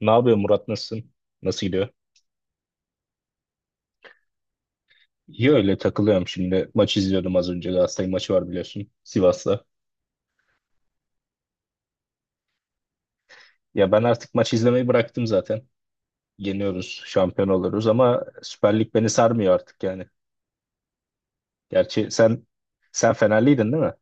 Ne yapıyor Murat, nasılsın? Nasıl gidiyor? İyi, öyle takılıyorum şimdi. Maç izliyordum az önce. Galatasaray maçı var, biliyorsun, Sivas'la. Ya ben artık maç izlemeyi bıraktım zaten. Yeniyoruz, şampiyon oluruz ama Süper Lig beni sarmıyor artık yani. Gerçi sen Fenerliydin değil mi?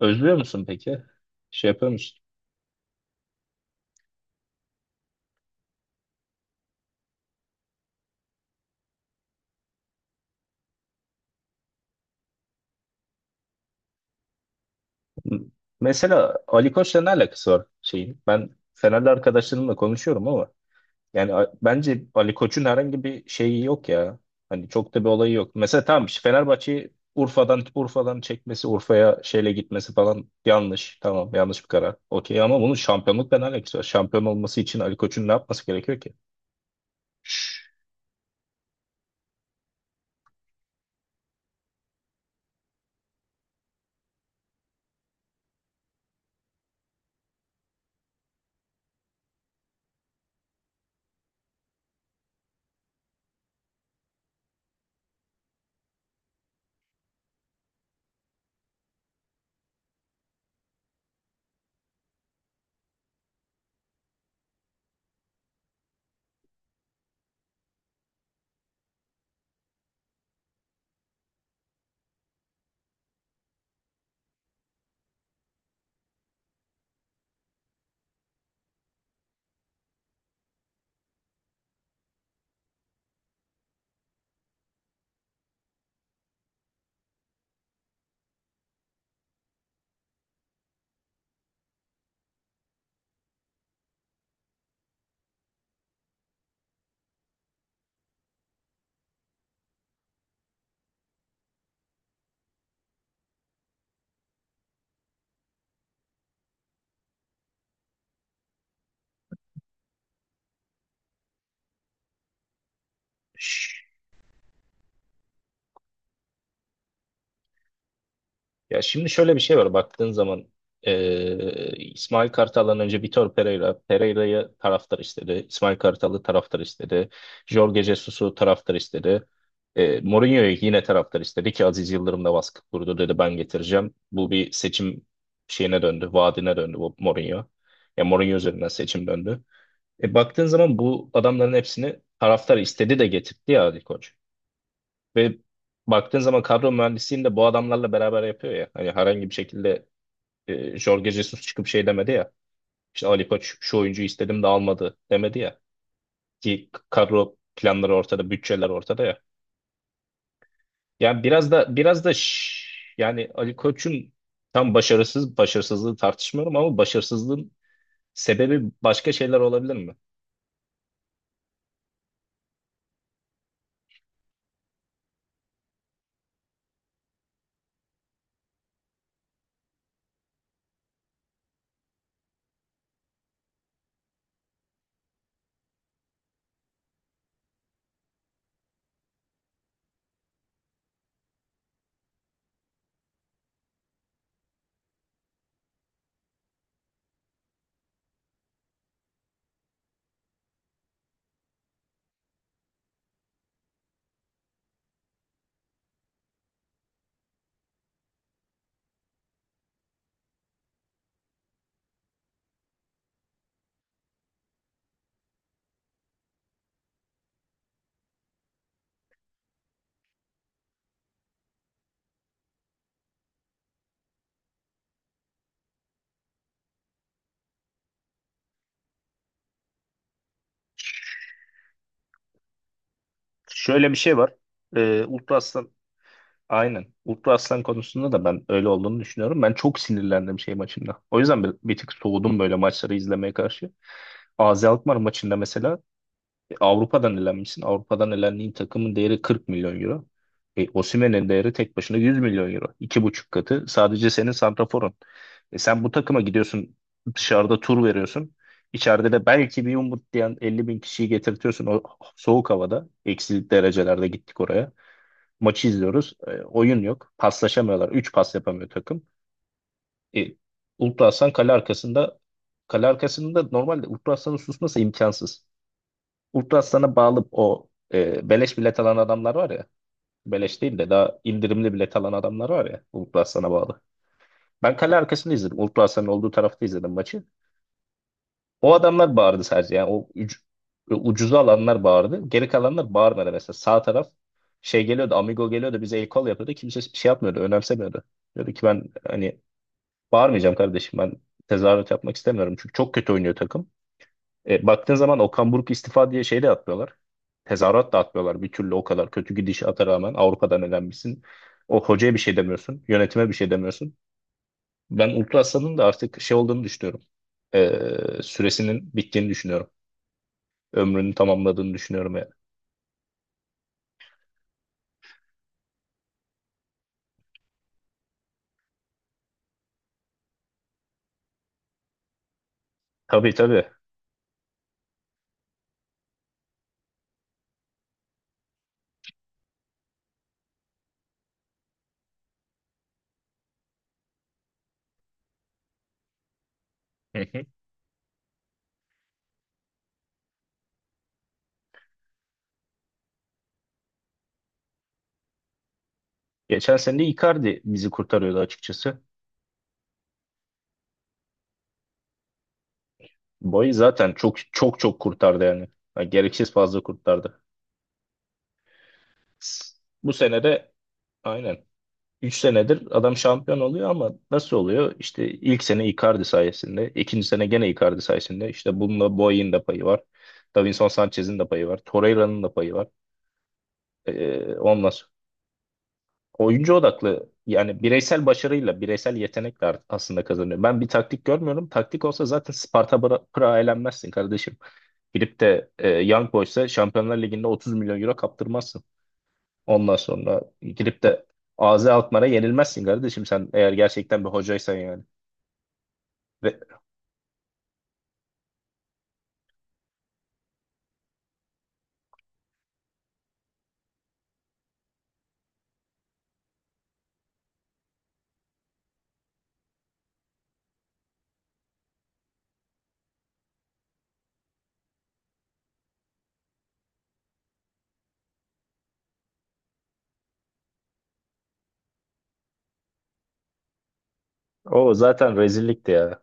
Özlüyor musun peki? Şey yapıyor musun? M- Mesela Ali Koç'la ne alakası var şeyin? Ben Fenerli arkadaşlarımla konuşuyorum ama yani bence Ali Koç'un herhangi bir şeyi yok ya. Hani çok da bir olayı yok. Mesela tamam, işte Fenerbahçe'yi Urfa'dan çekmesi, Urfa'ya şeyle gitmesi falan yanlış. Tamam, yanlış bir karar. Okey, ama bunun şampiyonlukla ne alakası var? Şampiyon olması için Ali Koç'un ne yapması gerekiyor ki? Ya şimdi şöyle bir şey var, baktığın zaman İsmail Kartal'dan önce Vitor Pereira, Pereira'yı taraftar istedi. İsmail Kartal'ı taraftar istedi. Jorge Jesus'u taraftar istedi. Mourinho'yu yine taraftar istedi ki Aziz Yıldırım da baskı kurdu, dedi ben getireceğim. Bu bir seçim şeyine döndü, vaadine döndü bu Mourinho. Ya Mourinho üzerinden seçim döndü. Baktığın zaman bu adamların hepsini taraftar istedi de getirdi ya Ali Koç. Ve baktığın zaman kadro mühendisliğini de bu adamlarla beraber yapıyor ya. Hani herhangi bir şekilde Jorge Jesus çıkıp şey demedi ya. İşte Ali Koç şu oyuncuyu istedim de almadı demedi ya. Ki kadro planları ortada, bütçeler ortada ya. Yani biraz da biraz da yani Ali Koç'un tam başarısız başarısızlığı tartışmıyorum ama başarısızlığın sebebi başka şeyler olabilir mi? Şöyle bir şey var. E, Ultra Aynen. Ultra Aslan konusunda da ben öyle olduğunu düşünüyorum. Ben çok sinirlendim şey maçında. O yüzden bir tık soğudum böyle maçları izlemeye karşı. AZ Alkmaar maçında mesela Avrupa'dan elenmişsin. Avrupa'dan elendiğin takımın değeri 40 milyon euro. Osimhen'in değeri tek başına 100 milyon euro. 2,5 katı. Sadece senin santraforun. Sen bu takıma gidiyorsun. Dışarıda tur veriyorsun. İçeride de belki bir umut diyen 50 bin kişiyi getirtiyorsun o soğuk havada. Eksi derecelerde gittik oraya. Maçı izliyoruz. Oyun yok. Paslaşamıyorlar. Üç pas yapamıyor takım. E, Ultra Aslan kale arkasında, kale arkasında, normalde Ultra Aslan'ın susması imkansız. Ultra Aslan'a bağlı o beleş bilet alan adamlar var ya. Beleş değil de daha indirimli bilet alan adamlar var ya, Ultra Aslan'a bağlı. Ben kale arkasında izledim. Ultra Aslan'ın olduğu tarafta izledim maçı. O adamlar bağırdı sadece, yani o ucuza alanlar bağırdı. Geri kalanlar bağırmadı mesela. Sağ taraf şey geliyordu, Amigo geliyordu bize el kol yapıyordu. Kimse şey yapmıyordu, önemsemiyordu. Diyordu ki ben hani bağırmayacağım kardeşim, ben tezahürat yapmak istemiyorum çünkü çok kötü oynuyor takım. Baktığın zaman Okan Buruk istifa diye şey de atmıyorlar. Tezahürat da atmıyorlar bir türlü, o kadar kötü gidişata rağmen Avrupa'dan elenmişsin. O hocaya bir şey demiyorsun. Yönetime bir şey demiyorsun. Ben Ultra Aslan'ın da artık şey olduğunu düşünüyorum. Süresinin bittiğini düşünüyorum, ömrünü tamamladığını düşünüyorum yani. Tabii, tabii. Hı hı. Geçen sene de Icardi bizi kurtarıyordu açıkçası. Boy zaten çok çok çok kurtardı yani. Ha, gereksiz fazla kurtardı. S- Bu sene de aynen. 3 senedir adam şampiyon oluyor ama nasıl oluyor? İşte ilk sene Icardi sayesinde, ikinci sene gene Icardi sayesinde. İşte bununla Boy'un da payı var. Davinson Sanchez'in de payı var. Torreira'nın da payı var. Ondan oyuncu odaklı, yani bireysel başarıyla, bireysel yetenekle aslında kazanıyor. Ben bir taktik görmüyorum. Taktik olsa zaten Sparta Prag'a elenmezsin kardeşim. Girip de Young Boys'a Şampiyonlar Ligi'nde 30 milyon euro kaptırmazsın. Ondan sonra girip de AZ Alkmaar'a yenilmezsin kardeşim, sen eğer gerçekten bir hocaysan yani. Ve o zaten rezillikti ya.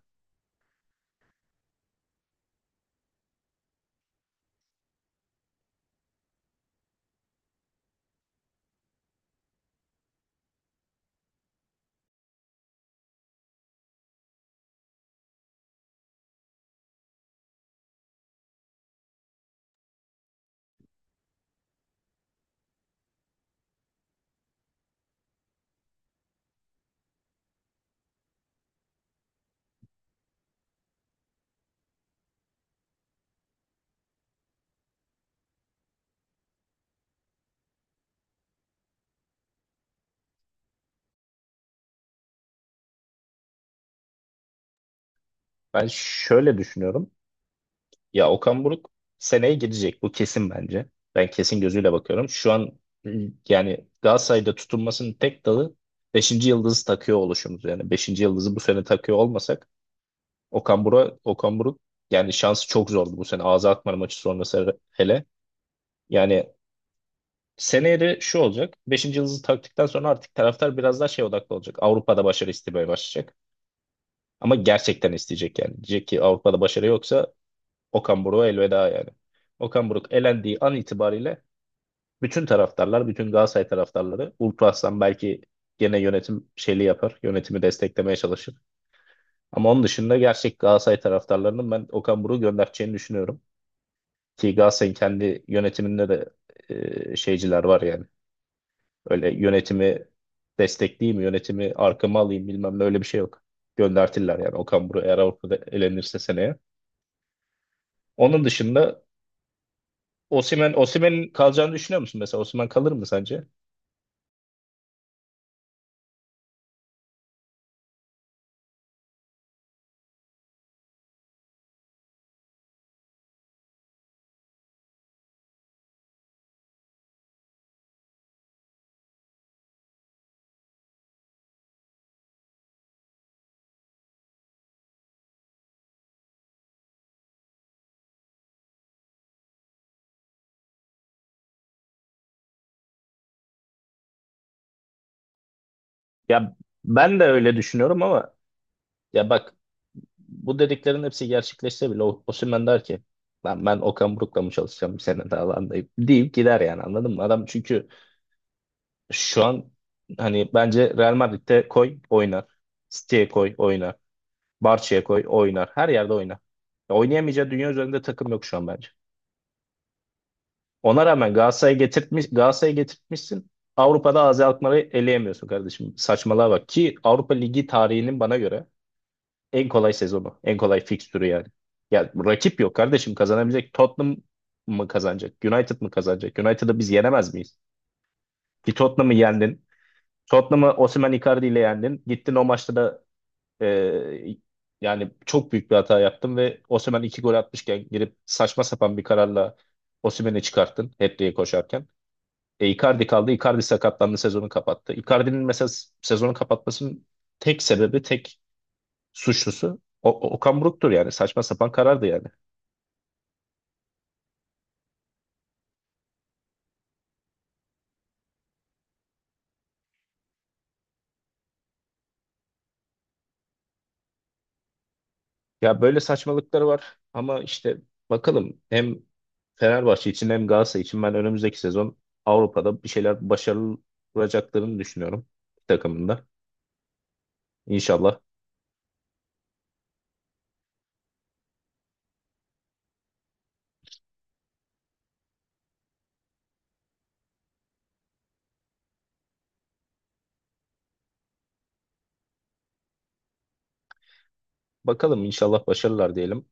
Ben şöyle düşünüyorum. Ya Okan Buruk seneye gidecek. Bu kesin bence. Ben kesin gözüyle bakıyorum. Şu an yani Galatasaray'da tutunmasının tek dalı beşinci yıldızı takıyor oluşumuz. Yani beşinci yıldızı bu sene takıyor olmasak Okan Buruk yani şansı çok zordu bu sene. Ağza Alkmaar maçı sonrası hele. Yani seneye de şu olacak. Beşinci yıldızı taktıktan sonra artık taraftar biraz daha şey odaklı olacak. Avrupa'da başarı istemeye başlayacak. Ama gerçekten isteyecek yani. Diyecek ki Avrupa'da başarı yoksa Okan Buruk'a elveda yani. Okan Buruk elendiği an itibariyle bütün taraftarlar, bütün Galatasaray taraftarları, Uğur Aslan belki gene yönetim şeyli yapar. Yönetimi desteklemeye çalışır. Ama onun dışında gerçek Galatasaray taraftarlarının ben Okan Buruk'u göndereceğini düşünüyorum. Ki Galatasaray'ın kendi yönetiminde de şeyciler var yani. Öyle yönetimi destekleyeyim, yönetimi arkama alayım bilmem ne, öyle bir şey yok. Göndertirler yani Okan Buruk eğer Avrupa'da elenirse seneye. Onun dışında Osimhen, Osimhen'in kalacağını düşünüyor musun mesela? Osimhen kalır mı sence? Ya ben de öyle düşünüyorum ama ya bak, bu dediklerin hepsi gerçekleşse bile Osimhen der ki lan, ben Okan Buruk'la mı çalışacağım bir sene daha lan, deyip gider yani, anladın mı? Adam çünkü şu an hani bence Real Madrid'de koy oynar. City'ye koy oynar. Barça'ya koy oynar. Her yerde oynar. Ya oynayamayacağı dünya üzerinde takım yok şu an bence. Ona rağmen Galatasaray'ı getirtmiş, Galatasaray'ı getirtmişsin. Avrupa'da Azi Alkmaar'ı eleyemiyorsun kardeşim. Saçmalığa bak ki Avrupa Ligi tarihinin bana göre en kolay sezonu, en kolay fikstürü yani. Ya rakip yok kardeşim kazanabilecek. Tottenham mı kazanacak? United mı kazanacak? United'ı biz yenemez miyiz? Ki Tottenham'ı yendin. Tottenham'ı Osimhen Icardi ile yendin. Gittin o maçta da e, yani çok büyük bir hata yaptın ve Osimhen iki gol atmışken girip saçma sapan bir kararla Osimhen'i çıkarttın hat koşarken. Icardi kaldı. Icardi sakatlandı, sezonu kapattı. Icardi'nin mesela sezonu kapatmasının tek sebebi, tek suçlusu Okan Buruk'tur yani. Saçma sapan karardı yani. Ya böyle saçmalıkları var ama işte bakalım hem Fenerbahçe için hem Galatasaray için ben önümüzdeki sezon Avrupa'da bir şeyler başarılacaklarını düşünüyorum takımında. İnşallah. Bakalım inşallah başarırlar diyelim.